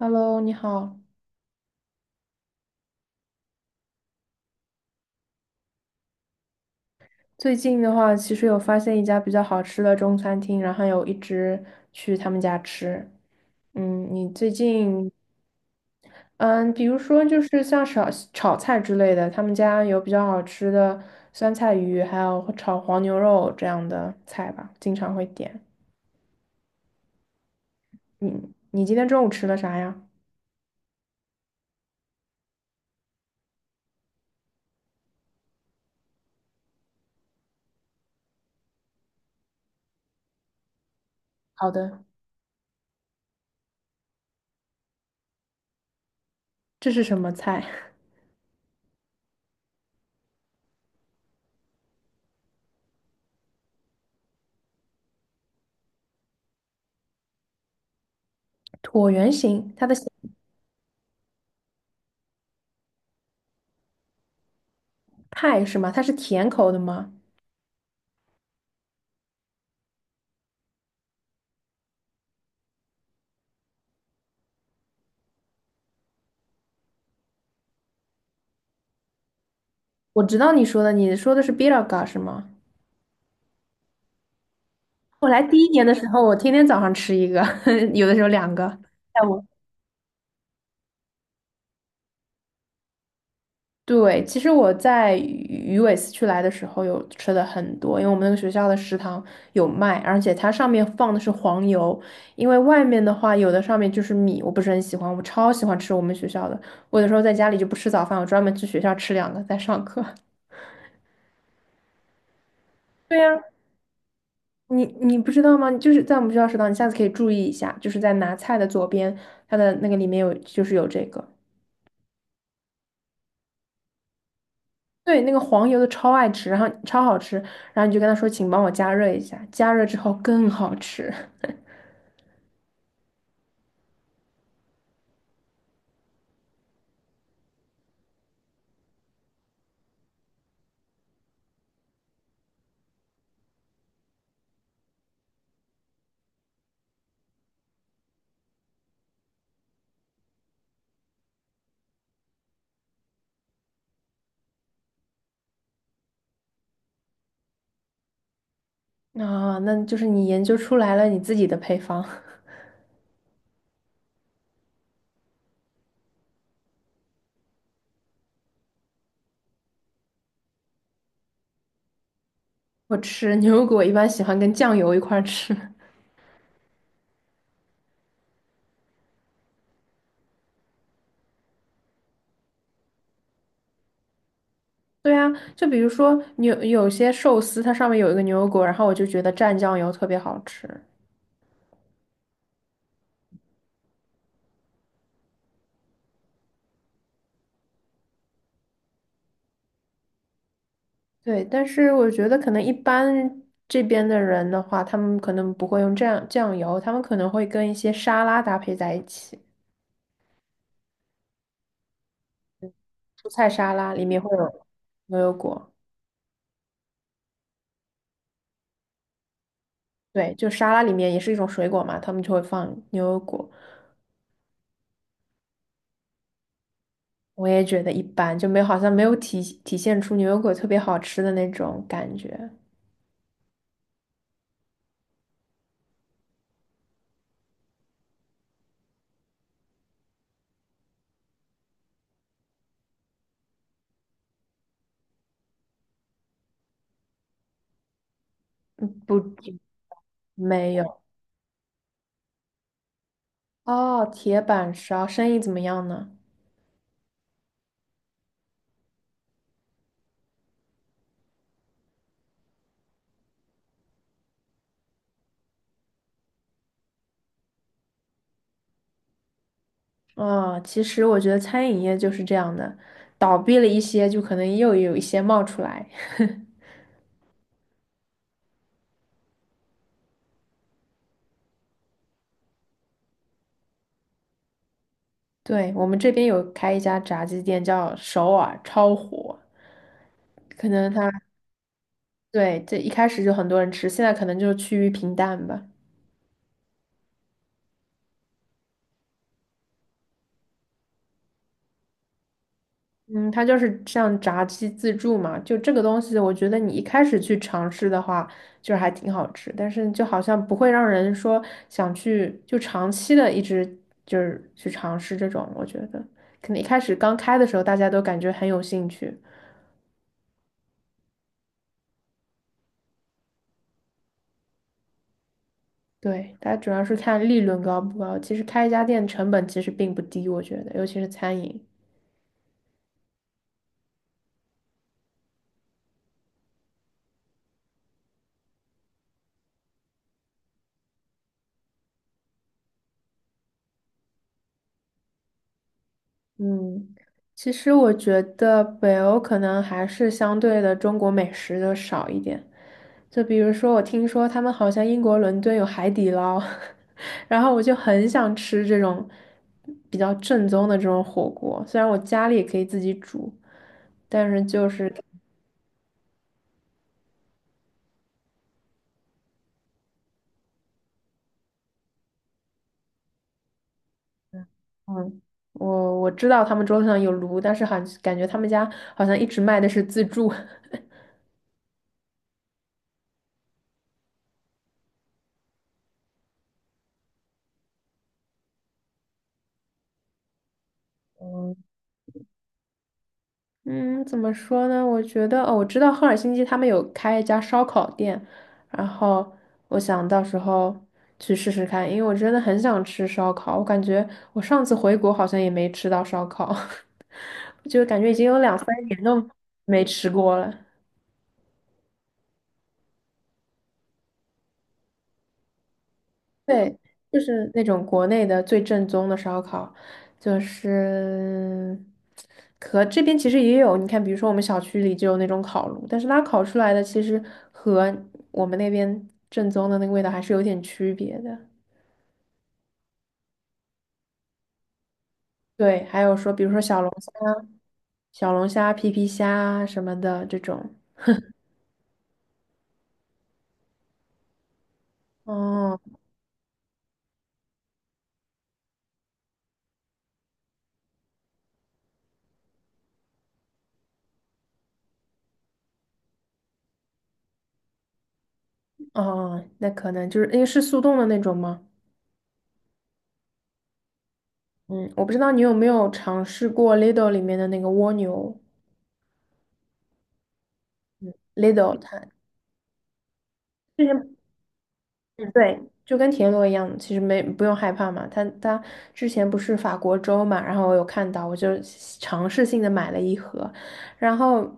Hello，你好。最近的话，其实有发现一家比较好吃的中餐厅，然后还有一直去他们家吃。你最近，嗯，比如说就是像炒菜之类的，他们家有比较好吃的酸菜鱼，还有炒黄牛肉这样的菜吧，经常会点。你你今天中午吃了啥呀？好的。这是什么菜？椭圆形，它的形派是吗？它是甜口的吗？我知道你说的，你说的是 b i r a g a 是吗？我来第一年的时候，我天天早上吃一个，有的时候两个。下我对，其实我在鱼尾四区来的时候有吃的很多，因为我们那个学校的食堂有卖，而且它上面放的是黄油，因为外面的话有的上面就是米，我不是很喜欢，我超喜欢吃我们学校的，我有时候在家里就不吃早饭，我专门去学校吃两个在上课。对呀，你不知道吗？就是在我们学校食堂，你下次可以注意一下，就是在拿菜的左边，它的那个里面有就是有这个。对，那个黄油的超爱吃，然后超好吃，然后你就跟他说，请帮我加热一下，加热之后更好吃。啊，那就是你研究出来了你自己的配方。我吃牛油果一般喜欢跟酱油一块儿吃。对啊，就比如说牛有些寿司，它上面有一个牛油果，然后我就觉得蘸酱油特别好吃。对，但是我觉得可能一般这边的人的话，他们可能不会用酱油，他们可能会跟一些沙拉搭配在一起，蔬菜沙拉里面会有牛油果。对，就沙拉里面也是一种水果嘛，他们就会放牛油果，我也觉得一般，就没好像没有体现出牛油果特别好吃的那种感觉，不，没有。哦，铁板烧生意怎么样呢？啊，其实我觉得餐饮业就是这样的，倒闭了一些，就可能又有一些冒出来。对，我们这边有开一家炸鸡店，叫首尔，超火，可能它对这一开始就很多人吃，现在可能就趋于平淡吧。嗯，它就是像炸鸡自助嘛，就这个东西，我觉得你一开始去尝试的话，就是还挺好吃，但是就好像不会让人说想去就长期的一直就是去尝试这种，我觉得可能一开始刚开的时候大家都感觉很有兴趣，对，大家主要是看利润高不高，其实开一家店成本其实并不低，我觉得，尤其是餐饮。嗯，其实我觉得北欧可能还是相对的中国美食的少一点，就比如说我听说他们好像英国伦敦有海底捞，然后我就很想吃这种比较正宗的这种火锅，虽然我家里也可以自己煮，但是就是嗯，我知道他们桌子上有炉，但是好像感觉他们家好像一直卖的是自助。嗯，怎么说呢？我觉得，哦，我知道赫尔辛基他们有开一家烧烤店，然后我想到时候去试试看，因为我真的很想吃烧烤。我感觉我上次回国好像也没吃到烧烤，就感觉已经有两三年都没吃过了。对，就是那种国内的最正宗的烧烤，就是和这边其实也有，你看，比如说我们小区里就有那种烤炉，但是它烤出来的其实和我们那边正宗的那个味道还是有点区别的。对，还有说，比如说小龙虾、皮皮虾啊什么的这种。哦哦，那可能就是因为是速冻的那种吗？嗯，我不知道你有没有尝试过 Lidl 里面的那个蜗牛，Lidl 它。之前嗯对，就跟田螺一样，其实没不用害怕嘛。它之前不是法国粥嘛，然后我有看到，我就尝试性的买了一盒，然后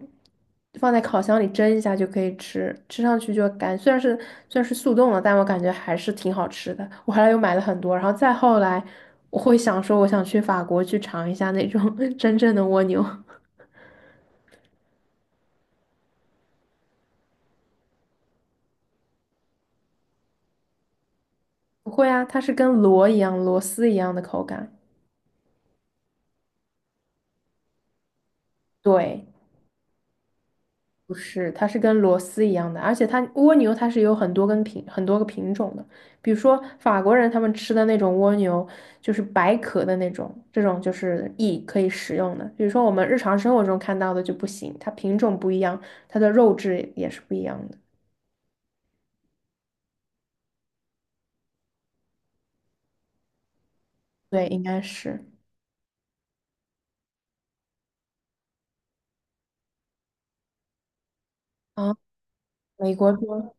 放在烤箱里蒸一下就可以吃，吃上去虽然是速冻了，但我感觉还是挺好吃的。我后来又买了很多，然后再后来我会想说，我想去法国去尝一下那种 真正的蜗牛。不会啊，它是跟螺一样，螺丝一样的口感。对。不是，它是跟螺丝一样的，而且它蜗牛它是有很多个品种的，比如说法国人他们吃的那种蜗牛，就是白壳的那种，这种就是翼可以食用的。比如说我们日常生活中看到的就不行，它品种不一样，它的肉质也是不一样的。对，应该是啊，美国州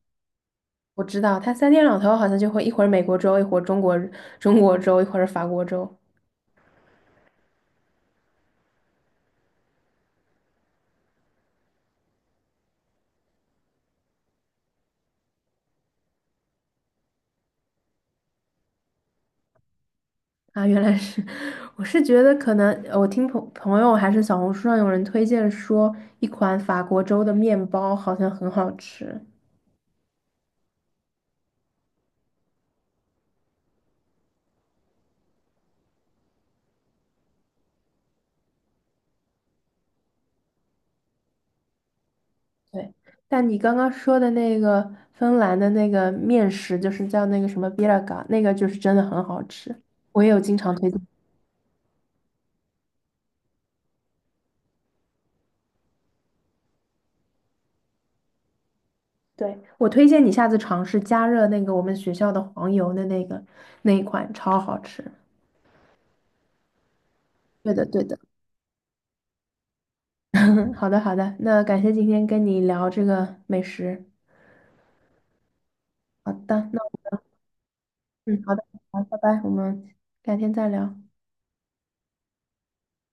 我知道，它三天两头好像就会一会儿美国州，一会儿中国州，一会儿法国州。啊，原来是，我是觉得可能我听朋友还是小红书上有人推荐说，一款法国粥的面包好像很好吃。对，但你刚刚说的那个芬兰的那个面食，就是叫那个什么 b i l a g a 那个就是真的很好吃，我也有经常推荐。对，我推荐你下次尝试加热那个我们学校的黄油的那个那一款，超好吃。对的，对的。好的，好的，那感谢今天跟你聊这个美食。好的。那。嗯，好的，好，拜拜，我们改天再聊。